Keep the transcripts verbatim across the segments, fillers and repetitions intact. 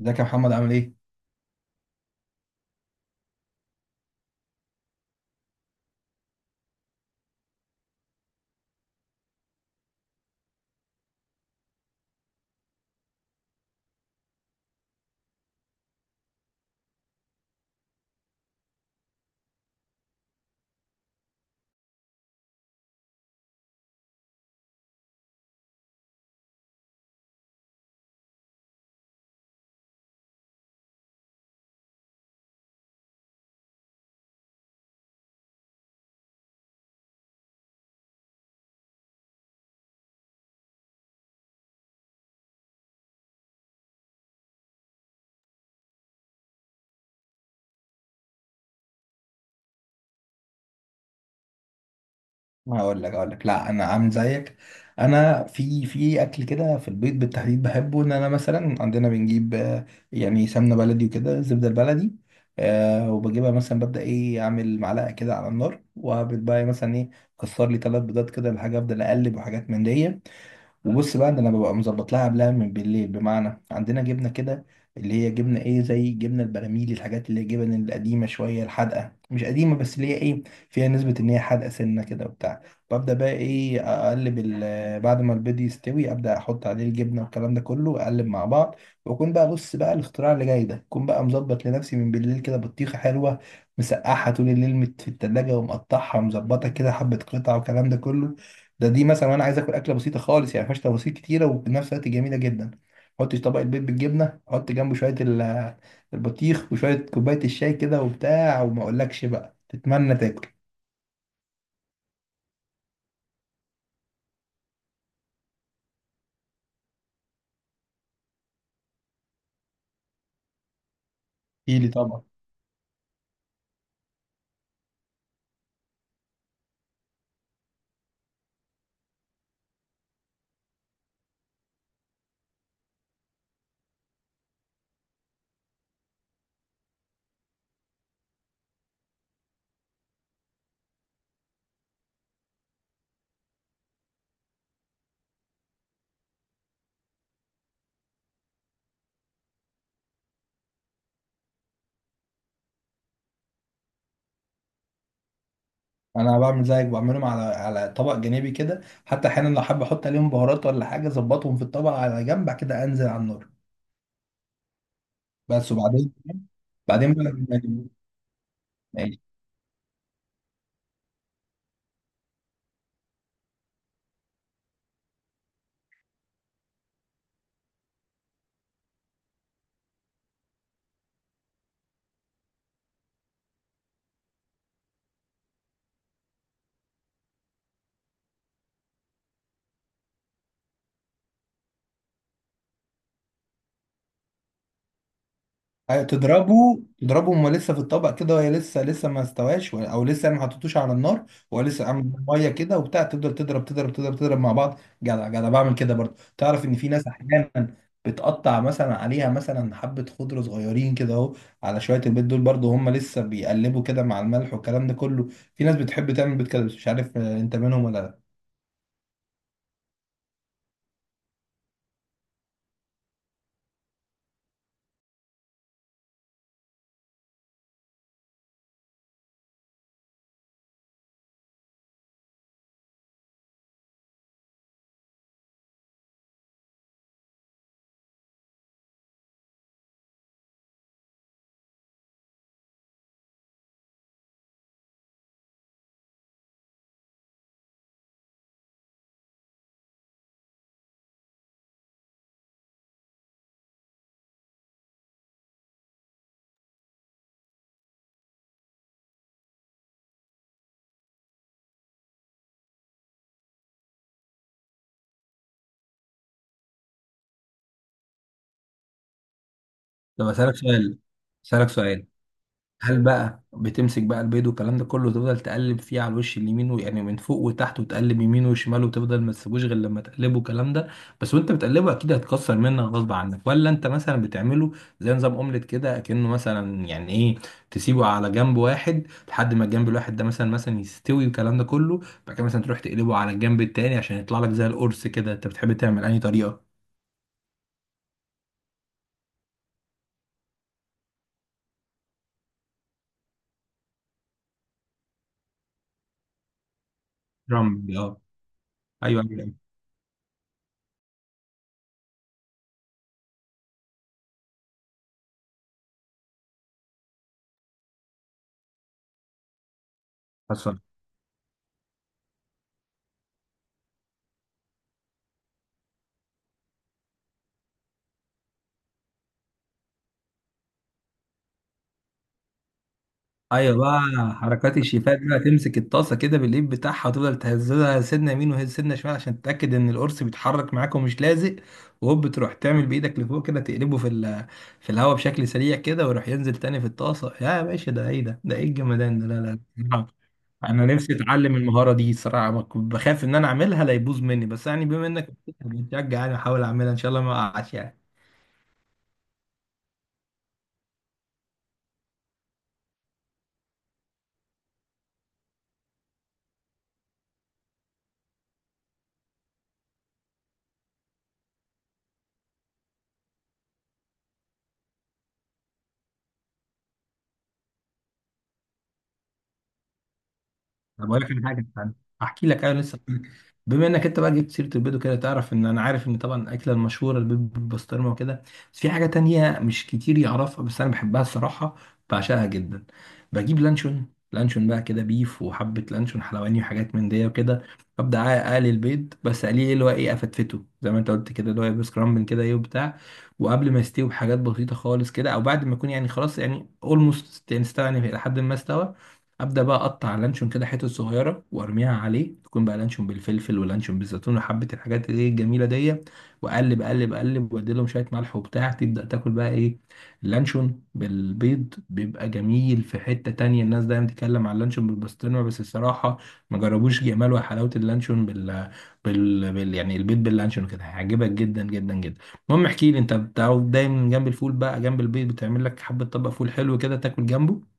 ازيك يا محمد؟ عامل ايه؟ هقول لك هقول لك، لا انا عامل زيك. انا في في اكل كده في البيت بالتحديد بحبه. ان انا مثلا عندنا بنجيب، آه، يعني سمنه بلدي وكده، زبده البلدي. آه وبجيبها مثلا، ببدا ايه، اعمل معلقه كده على النار وبتبقى ايه، مثلا ايه، كسر لي ثلاث بيضات كده الحاجه، افضل اقلب وحاجات من دي. وبص بقى ان انا ببقى مظبط لها قبلها من بالليل، بمعنى عندنا جبنه كده اللي هي جبنه ايه، زي جبنه البراميل، الحاجات اللي هي جبن القديمه شويه الحادقه، مش قديمه بس اللي هي ايه، فيها نسبه ان هي حادقه سنه كده وبتاع. ببدا بقى ايه، اقلب ال- بعد ما البيض يستوي ابدا احط عليه الجبنه والكلام ده كله، اقلب مع بعض. واكون بقى، بص بقى، الاختراع اللي جاي ده اكون بقى مظبط لنفسي من بالليل كده بطيخه حلوه مسقعها طول الليل، مت- في التلاجة، ومقطعها ومظبطها كده حبة قطع والكلام ده كله. ده دي مثلا انا عايز اكل اكله بسيطه خالص، يعني ما فيهاش تفاصيل كتيره وفي نفس الوقت جميله جدا. حط طبق البيض بالجبنه، حط جنبه شويه ال- البطيخ وشويه كوبايه الشاي كده وبتاع، وما اقولكش بقى تتمنى تاكل. ايلي طبعا. انا بعمل زيك، بعملهم على على طبق جانبي كده، حتى احيانا لو حابب احط عليهم بهارات ولا حاجه اظبطهم في الطبق على جنب، بعد كده انزل على النار. بس. وبعدين. بعدين بقى، أيوة، تضربه تضربه وهو لسه في الطبق كده، وهي لسه لسه ما استواش ولا- او لسه يعني ما حطيتوش على النار، وهو لسه عامل ميه كده وبتاع. تفضل تضرب تضرب تضرب تضرب مع بعض جدع جدع. بعمل كده برضه. تعرف ان في ناس احيانا بتقطع مثلا عليها مثلا حبه خضره صغيرين كده اهو على شويه البيض دول، برضه هم لسه بيقلبوا كده مع الملح والكلام ده كله. في ناس بتحب تعمل بيض كده بس مش عارف آه، انت منهم ولا لا. طب اسالك سؤال. اسالك سؤال هل بقى بتمسك بقى البيض والكلام ده كله وتفضل تقلب فيه على الوش اليمين و- يعني من فوق وتحت، وتقلب يمين وشمال وتفضل ما تسيبوش غير لما تقلبه الكلام ده بس؟ وانت بتقلبه اكيد هتكسر منك غصب عنك، ولا انت مثلا بتعمله زي نظام اومليت كده، اكنه مثلا يعني ايه، تسيبه على جنب واحد لحد ما الجنب الواحد ده مثلا مثلا يستوي والكلام ده كله، بعد كده مثلا تروح تقلبه على الجنب التاني عشان يطلع لك زي القرص كده. انت بتحب تعمل انهي طريقه؟ رمبي. اه. ايوه، ايوه. ايوه بقى. حركات الشيفات بقى، تمسك الطاسه كده بالايد بتاعها وتفضل تهزها سنه يمين وسنه شمال عشان تتاكد ان القرص بيتحرك معاك ومش لازق، وهوب تروح تعمل بايدك لفوق كده تقلبه في ال- في الهواء بشكل سريع كده، ويروح ينزل تاني في الطاسه. يا باشا، ده ايه ده ده ايه الجمدان ده؟ لا لا لا. انا نفسي اتعلم المهاره دي صراحه، ما كنت بخاف ان انا اعملها لا يبوظ مني، بس يعني بما انك بتشجع يعني احاول اعملها ان شاء الله ما اقعش يعني. طب اقول لك على حاجه. استنى احكي لك. ايوه لسه هحكي لك. بما انك انت بقى جبت سيره البيض وكده، تعرف ان انا عارف ان طبعا الاكله المشهوره البيض بالبسطرمه وكده، بس في حاجه تانية مش كتير يعرفها بس انا بحبها الصراحه، بعشقها جدا. بجيب لانشون. لانشون بقى كده بيف، وحبه لانشون حلواني وحاجات من دي وكده. ابدا اقلي البيض، بس اقليه ايه، اللي هو ايه، افتفته زي ما انت قلت كده، اللي هو بسكرامبل كده ايه وبتاع. وقبل ما يستوي بحاجات بسيطه خالص كده، او بعد ما يكون يعني خلاص يعني اولموست يعني استوى، يعني لحد ما استوى ابدا بقى اقطع لانشون كده حتت صغيره وارميها عليه. تكون بقى لانشون بالفلفل، ولانشون بالزيتون، وحبه الحاجات اللي هي الجميله دي. واقلب اقلب اقلب، وادي لهم شويه ملح وبتاع، تبدا تاكل بقى ايه، اللانشون بالبيض بيبقى جميل في حته تانية. الناس دايما تتكلم على اللانشون بالبسطرمه، بس الصراحه ما جربوش جمال وحلاوه اللانشون بال... بال... بال... يعني البيض باللانشون كده، هيعجبك جدا جدا جدا. المهم احكي لي انت، بتعرف دايما جنب الفول بقى، جنب البيض، بتعمل لك حبه طبق فول حلو كده تاكل جنبه؟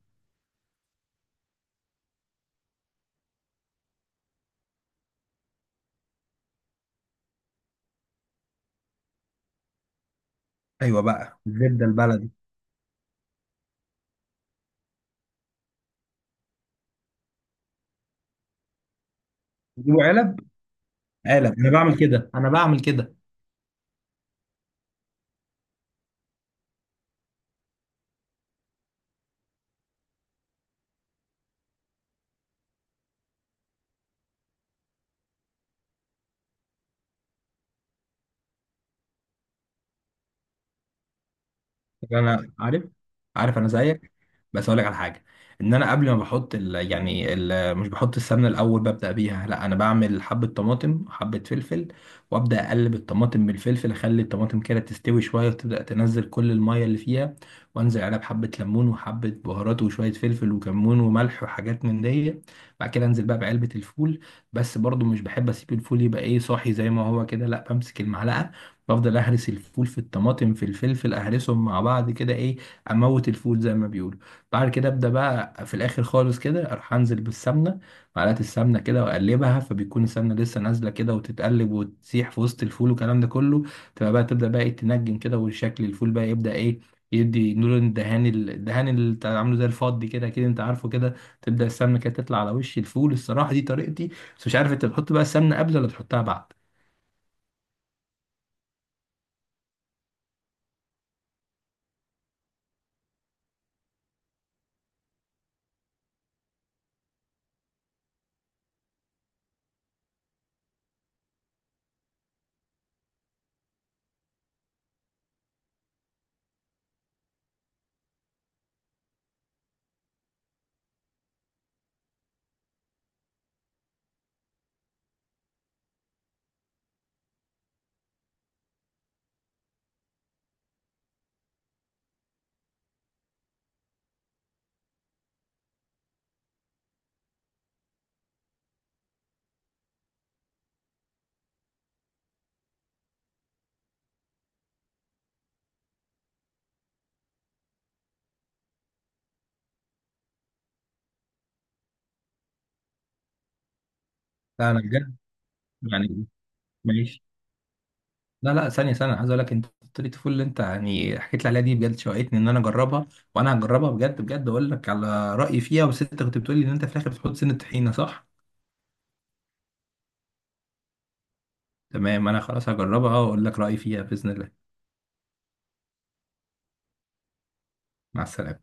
ايوه بقى، الزبده البلدي. يجيبوا علب. علب. انا بعمل كده، انا بعمل كده. انا عارف. عارف. انا زيك. بس اقول لك على حاجه، ان انا قبل ما بحط ال... يعني ال... مش بحط السمنه الاول ببدا بيها، لا انا بعمل حبه طماطم حبه فلفل، وابدا اقلب الطماطم بالفلفل، اخلي الطماطم كده تستوي شويه وتبدا تنزل كل الميه اللي فيها، وانزل عليها بحبه ليمون وحبه بهارات وشويه فلفل وكمون وملح وحاجات من دي. بعد كده انزل بقى بعلبه الفول، بس برضو مش بحب اسيب الفول يبقى ايه، صاحي زي ما هو كده، لا بمسك المعلقه بفضل اهرس الفول في الطماطم في الفلفل، اهرسهم مع بعض كده ايه، اموت الفول زي ما بيقولوا. بعد كده ابدا بقى في الاخر خالص كده اروح انزل بالسمنه، معلقه السمنه كده واقلبها، فبيكون السمنه لسه نازله كده وتتقلب وتسيح في وسط الفول والكلام ده كله، تبقى بقى تبدا بقى إيه، تنجم كده، وشكل الفول بقى يبدا ايه، يدي نور الدهان، الدهان اللي بتاع- عامله زي الفضي كده كده، انت عارفه كده. تبدا السمنه كده تطلع على وش الفول. الصراحه دي طريقتي، بس مش عارف انت بتحط بقى السمنه قبل ولا تحطها بعد؟ لا انا بجد، يعني، ماشي. لا لا، ثانية ثانية، أنا عايز أقول لك أنت، طريقة الفول اللي أنت يعني حكيت لي عليها دي بجد شوقتني إن أنا أجربها، وأنا هجربها بجد بجد. أقول لك على رأيي فيها، بس أنت كنت بتقول لي إن أنت في الآخر بتحط سن الطحينة، صح؟ تمام، أنا خلاص هجربها وأقول لك رأيي فيها بإذن الله. مع السلامة.